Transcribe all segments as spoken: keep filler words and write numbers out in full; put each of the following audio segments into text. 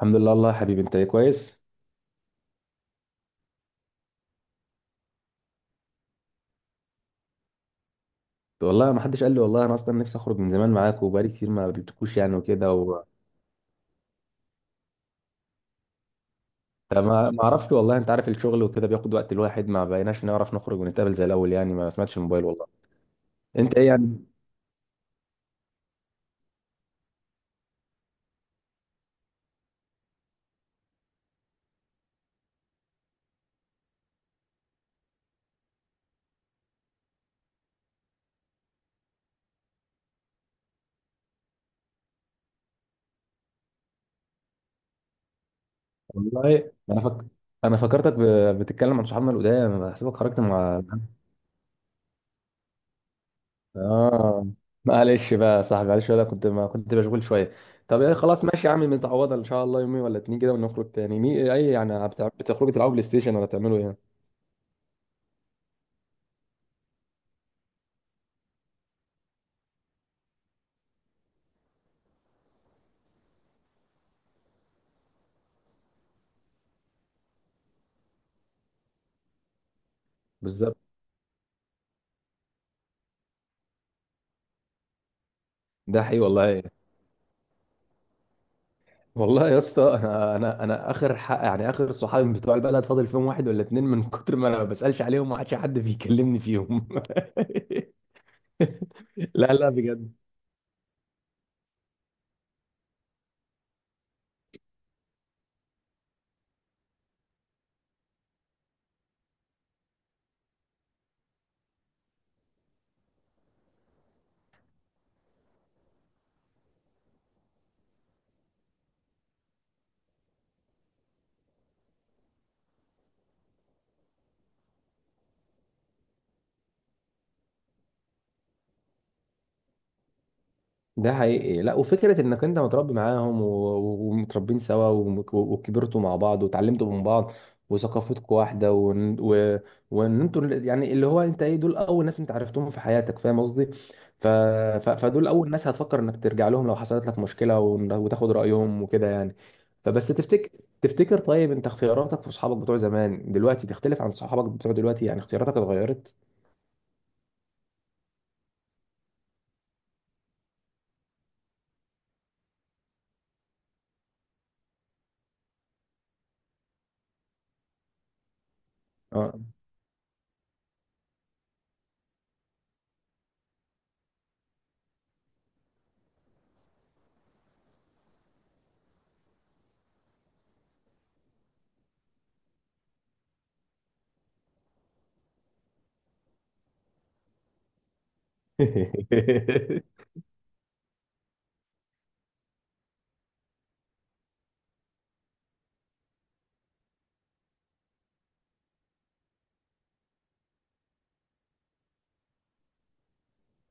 الحمد لله والله يا حبيبي، انت ايه، كويس؟ والله ما حدش قال لي، والله انا اصلا نفسي اخرج من زمان معاك، وبقالي كتير ما قابلتكوش يعني وكده و... طب ما ما اعرفش والله، انت عارف الشغل وكده بياخد وقت، الواحد ما بقيناش نعرف نخرج ونتقابل زي الاول يعني، ما سمعتش الموبايل والله. انت ايه يعني؟ والله انا فك... انا فكرتك ب... بتتكلم عن صحابنا القدام، بحسبك خرجت مع... اه. معلش بقى يا صاحبي، معلش، ولا كنت، ما كنت مشغول شويه. طب ايه، خلاص ماشي يا عم، متعوضه ان شاء الله، يومين ولا اتنين كده ونخرج تاني مي... اي يعني بتاع- بتخرجوا تلعبوا بلاي ستيشن ولا تعملوا ايه؟ بالظبط. ده حقيقي والله. والله يا اسطى، انا انا انا اخر حق يعني، اخر صحابي بتوع البلد فاضل فيهم واحد ولا اتنين، من كتر ما انا ما بسالش عليهم ما عادش حد بيكلمني فيهم. لا، لا، بجد. ده حقيقي. لا، وفكره انك انت متربي معاهم و- و- ومتربين سوا وم- وكبرتوا مع بعض وتعلمتوا من بعض وثقافتكم واحده وان و- وان انتوا ال- يعني اللي هو انت ايه دول اول ناس انت عرفتهم في حياتك، فاهم قصدي؟ ف... ف... فدول اول ناس هتفكر انك ترجع لهم لو حصلت لك مشكله، ون- وتاخد رايهم وكده يعني. فبس تفتكر تفتكر، طيب انت اختياراتك في اصحابك بتوع زمان دلوقتي تختلف عن صحابك بتوع دلوقتي يعني؟ اختياراتك اتغيرت؟ اه.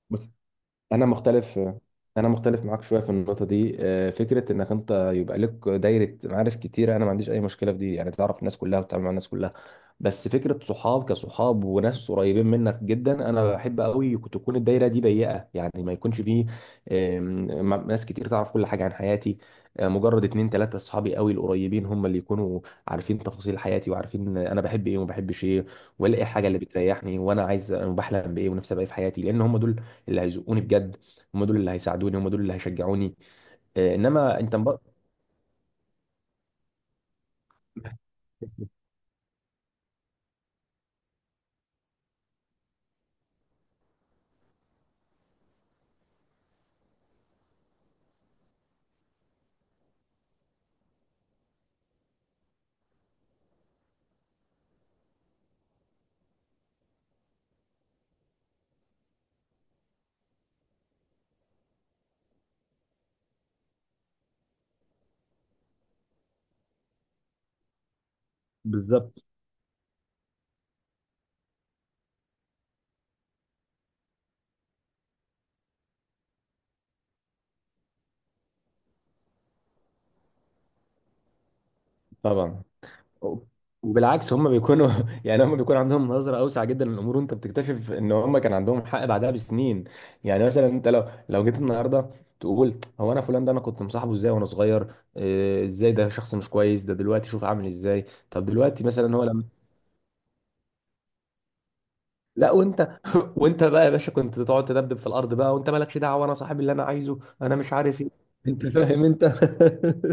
بص، انا مختلف. انا مختلف معاك شويه في النقطه دي. آه، فكره انك انت يبقى لك دايره معارف كتيره انا ما عنديش اي مشكله في دي، يعني تعرف الناس كلها وتتعامل مع الناس كلها. بس فكره صحاب كصحاب وناس قريبين منك جدا انا بحب قوي تكون الدايره دي ضيقه، يعني ما يكونش فيه آم، م- ناس كتير تعرف كل حاجه عن حياتي. آه، مجرد اتنين تلاته صحابي قوي القريبين هم اللي يكونوا عارفين تفاصيل حياتي وعارفين انا بحب ايه وما بحبش ايه. والاقي حاجه اللي بتريحني، وانا عايز وبحلم بايه ونفسي ابقى ايه في حياتي، لان هم دول اللي هيزقوني بجد. هم دول اللي هيساعدوني، هم دول اللي هيشجعوني. آه، انما انت مب... بالظبط. طبعا. وبالعكس هم بيكونوا يعني هم بيكون عندهم نظرة أوسع جدا للأمور، وأنت بتكتشف إن هم كان عندهم حق بعدها بسنين. يعني مثلا أنت لو لو جيت النهاردة تقول هو أنا فلان ده أنا كنت مصاحبه إزاي وأنا صغير؟ إيه، إزاي ده شخص مش كويس، ده دلوقتي شوف عامل إزاي. طب دلوقتي مثلا هو لما... لا، وانت وانت بقى يا باشا كنت تقعد تدبدب في الارض بقى، وانت مالكش دعوه، انا صاحب اللي انا عايزه انا مش عارف ايه. انت فاهم انت؟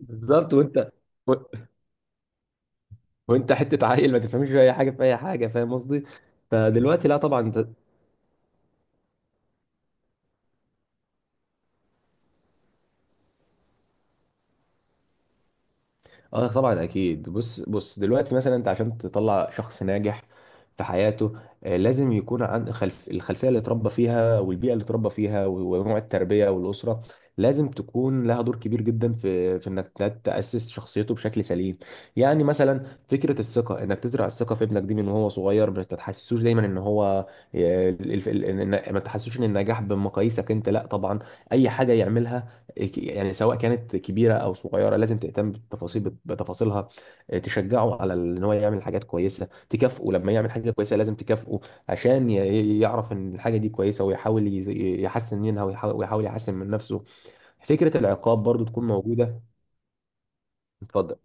بالظبط. وانت و- وانت حته عيل ما تفهمش في اي حاجه، في اي حاجه، فاهم قصدي؟ فدلوقتي لا طبعا انت. اه طبعا اكيد. بص، بص، دلوقتي مثلا انت عشان تطلع شخص ناجح في حياته، آه، لازم يكون عن خلف الخلفيه اللي اتربى فيها والبيئه اللي اتربى فيها و- ونوع التربيه والاسره لازم تكون لها دور كبير جدا في في انك ت- تاسس شخصيته بشكل سليم. يعني مثلا فكره الثقه، انك تزرع الثقه في ابنك دي من وهو صغير، ما تحسسوش دايما ان هو آه، الف- ال- إن- ما تحسسوش ان النجاح بمقاييسك انت، لا طبعا. اي حاجه يعملها، يعني سواء كانت كبيره او صغيره، لازم تهتم بالتفاصيل بتفاصيلها. آه، تشجعه على ان هو يعمل حاجات كويسه، تكافئه لما يعمل حاجه كويسه، لازم تكافئه عشان ي- يعرف ان الحاجه دي كويسه، ويحاول يز- يحسن منها ويحاول ويحاول يحسن من نفسه. فكره العقاب برضو تكون موجوده. اتفضل.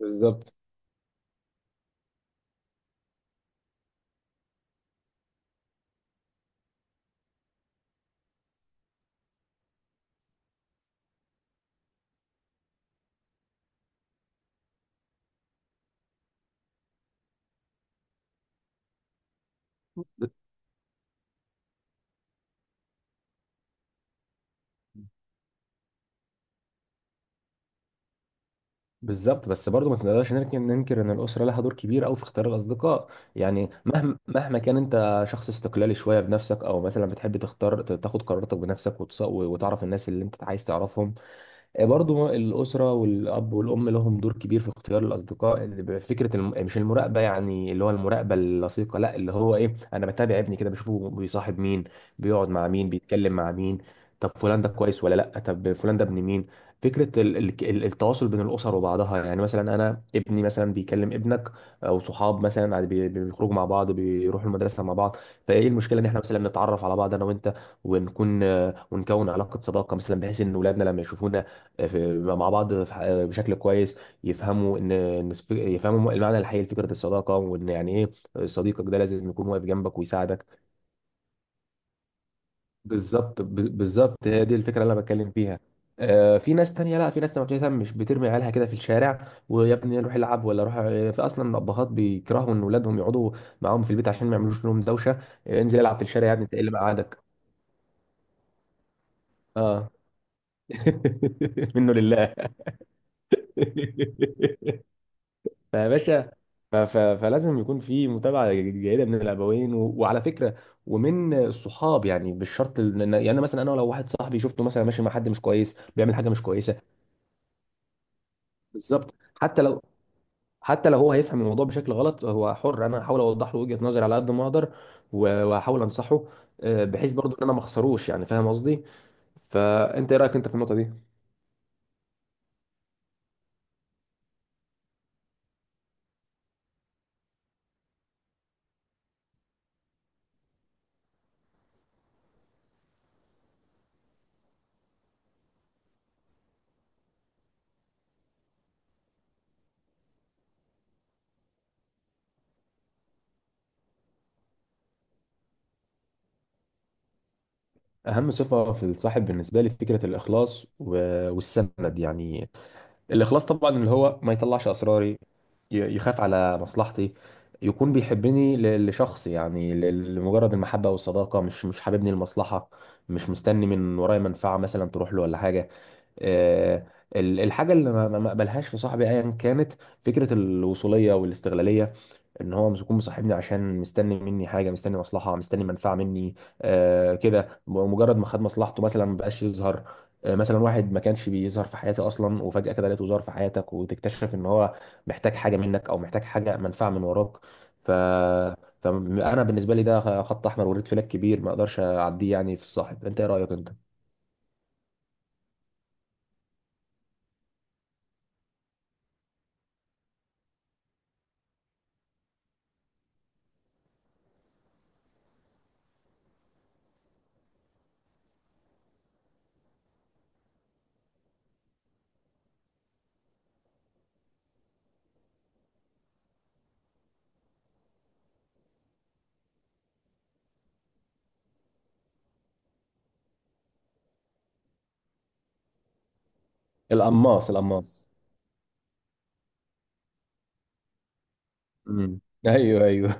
بالظبط، بالظبط، بس برضو ما تقدرش ننكر ننكر ان الاسره لها دور كبير قوي في اختيار الاصدقاء. يعني مهما مهما كان انت شخص استقلالي شويه بنفسك، او مثلا بتحب تختار ت- تاخد قراراتك بنفسك وتص- وتعرف الناس اللي انت عايز تعرفهم. آه، برضو الأسرة والأب والأم لهم دور كبير في اختيار الأصدقاء، اللي بيبقى فكرة الم... مش المراقبة يعني، اللي هو المراقبة اللصيقة، لا، اللي هو إيه أنا بتابع ابني كده، بشوفه بيصاحب مين، بيقعد مع مين، بيتكلم مع مين. طب فلان ده كويس ولا لا؟ طب فلان ده ابن مين؟ فكرة ال... ال... ال- التواصل بين الأسر وبعضها، يعني مثلا أنا ابني مثلا بيكلم ابنك، أو صحاب مثلا عاد بي... بيخرجوا مع بعض، بيروحوا المدرسة مع بعض. فإيه المشكلة إن إحنا مثلا نتعرف على بعض أنا وأنت، ونكون ونكون علاقة صداقة مثلا، بحيث إن ولادنا لما يشوفونا في- مع بعض في ح- بشكل كويس، يفهموا ان إن السف- يفهموا المعنى الحقيقي لفكره الصداقه، وان يعني ايه صديقك ده لازم يكون واقف جنبك ويساعدك. بالظبط بز- بالظبط، هي دي الفكره اللي انا بتكلم فيها. آه، في ناس تانية، لا في ناس ما بتهتمش، بترمي عيالها كده في الشارع، ويا ابني روح العب ولا روح. آه، في اصلا الابهات بيكرهوا ان اولادهم يقعدوا معاهم في البيت عشان ما يعملوش لهم دوشه. آه، انزل العب في الشارع يا ابني، انت ايه اللي مقعدك؟ اه. منه لله. فيا باشا، ف- ف- فلازم يكون في متابعه جيده من الابوين، و- وعلى فكره ومن الصحاب يعني، مش شرط ال- إن- يعني مثلا انا لو واحد صاحبي شفته مثلا ماشي مع حد مش كويس، بيعمل حاجه مش كويسه. بالظبط. حتى لو حتى لو هو هيفهم الموضوع بشكل غلط هو حر، انا هحاول اوضح له وجهه نظري على قد ما اقدر، و- وهحاول انصحه. آه، بحيث برضو ان انا ما اخسروش يعني، فاهم قصدي؟ فانت ايه رايك انت في النقطه دي؟ اهم صفه في الصاحب بالنسبه لي فكره الاخلاص و- والسند يعني. الاخلاص طبعا، اللي هو ما يطلعش اسراري، ي- يخاف على مصلحتي، يكون بيحبني ل- لشخص يعني، ل- لمجرد المحبة والصداقة، مش مش حاببني المصلحة، مش مستني من ورايا منفعة مثلا تروح له ولا حاجة. آه، ال- الحاجة اللي ما ما- ما اقبلهاش في صاحبي ايا كانت، فكرة الوصولية والاستغلالية، ان هو مش يكون مصاحبني عشان مستني مني حاجه، مستني مصلحه، مستني منفعه مني. آه كده مجرد ما خد مصلحته مثلا ما بقاش يظهر. آه مثلا واحد ما كانش بيظهر في حياتي اصلا، وفجاه كده لقيته ظهر في حياتك، وتكتشف ان هو محتاج حاجه منك او محتاج حاجه، منفعه من وراك. ف فانا بالنسبه لي ده خط احمر وريد فلاج كبير، ما اقدرش اعديه يعني في الصاحب. انت ايه رايك انت؟ القماص، القماص. امم، ايوه، ايوه.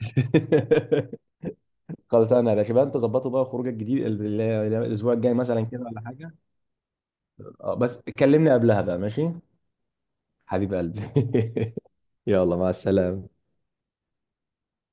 خلاص انا يا باشا بقى، انت ظبطه بقى خروجك الجديد ال- ال- الاسبوع الجاي مثلا كده ولا حاجه؟ آه، بس كلمني قبلها بقى، ماشي. حبيب قلبي. يلا، مع السلامه.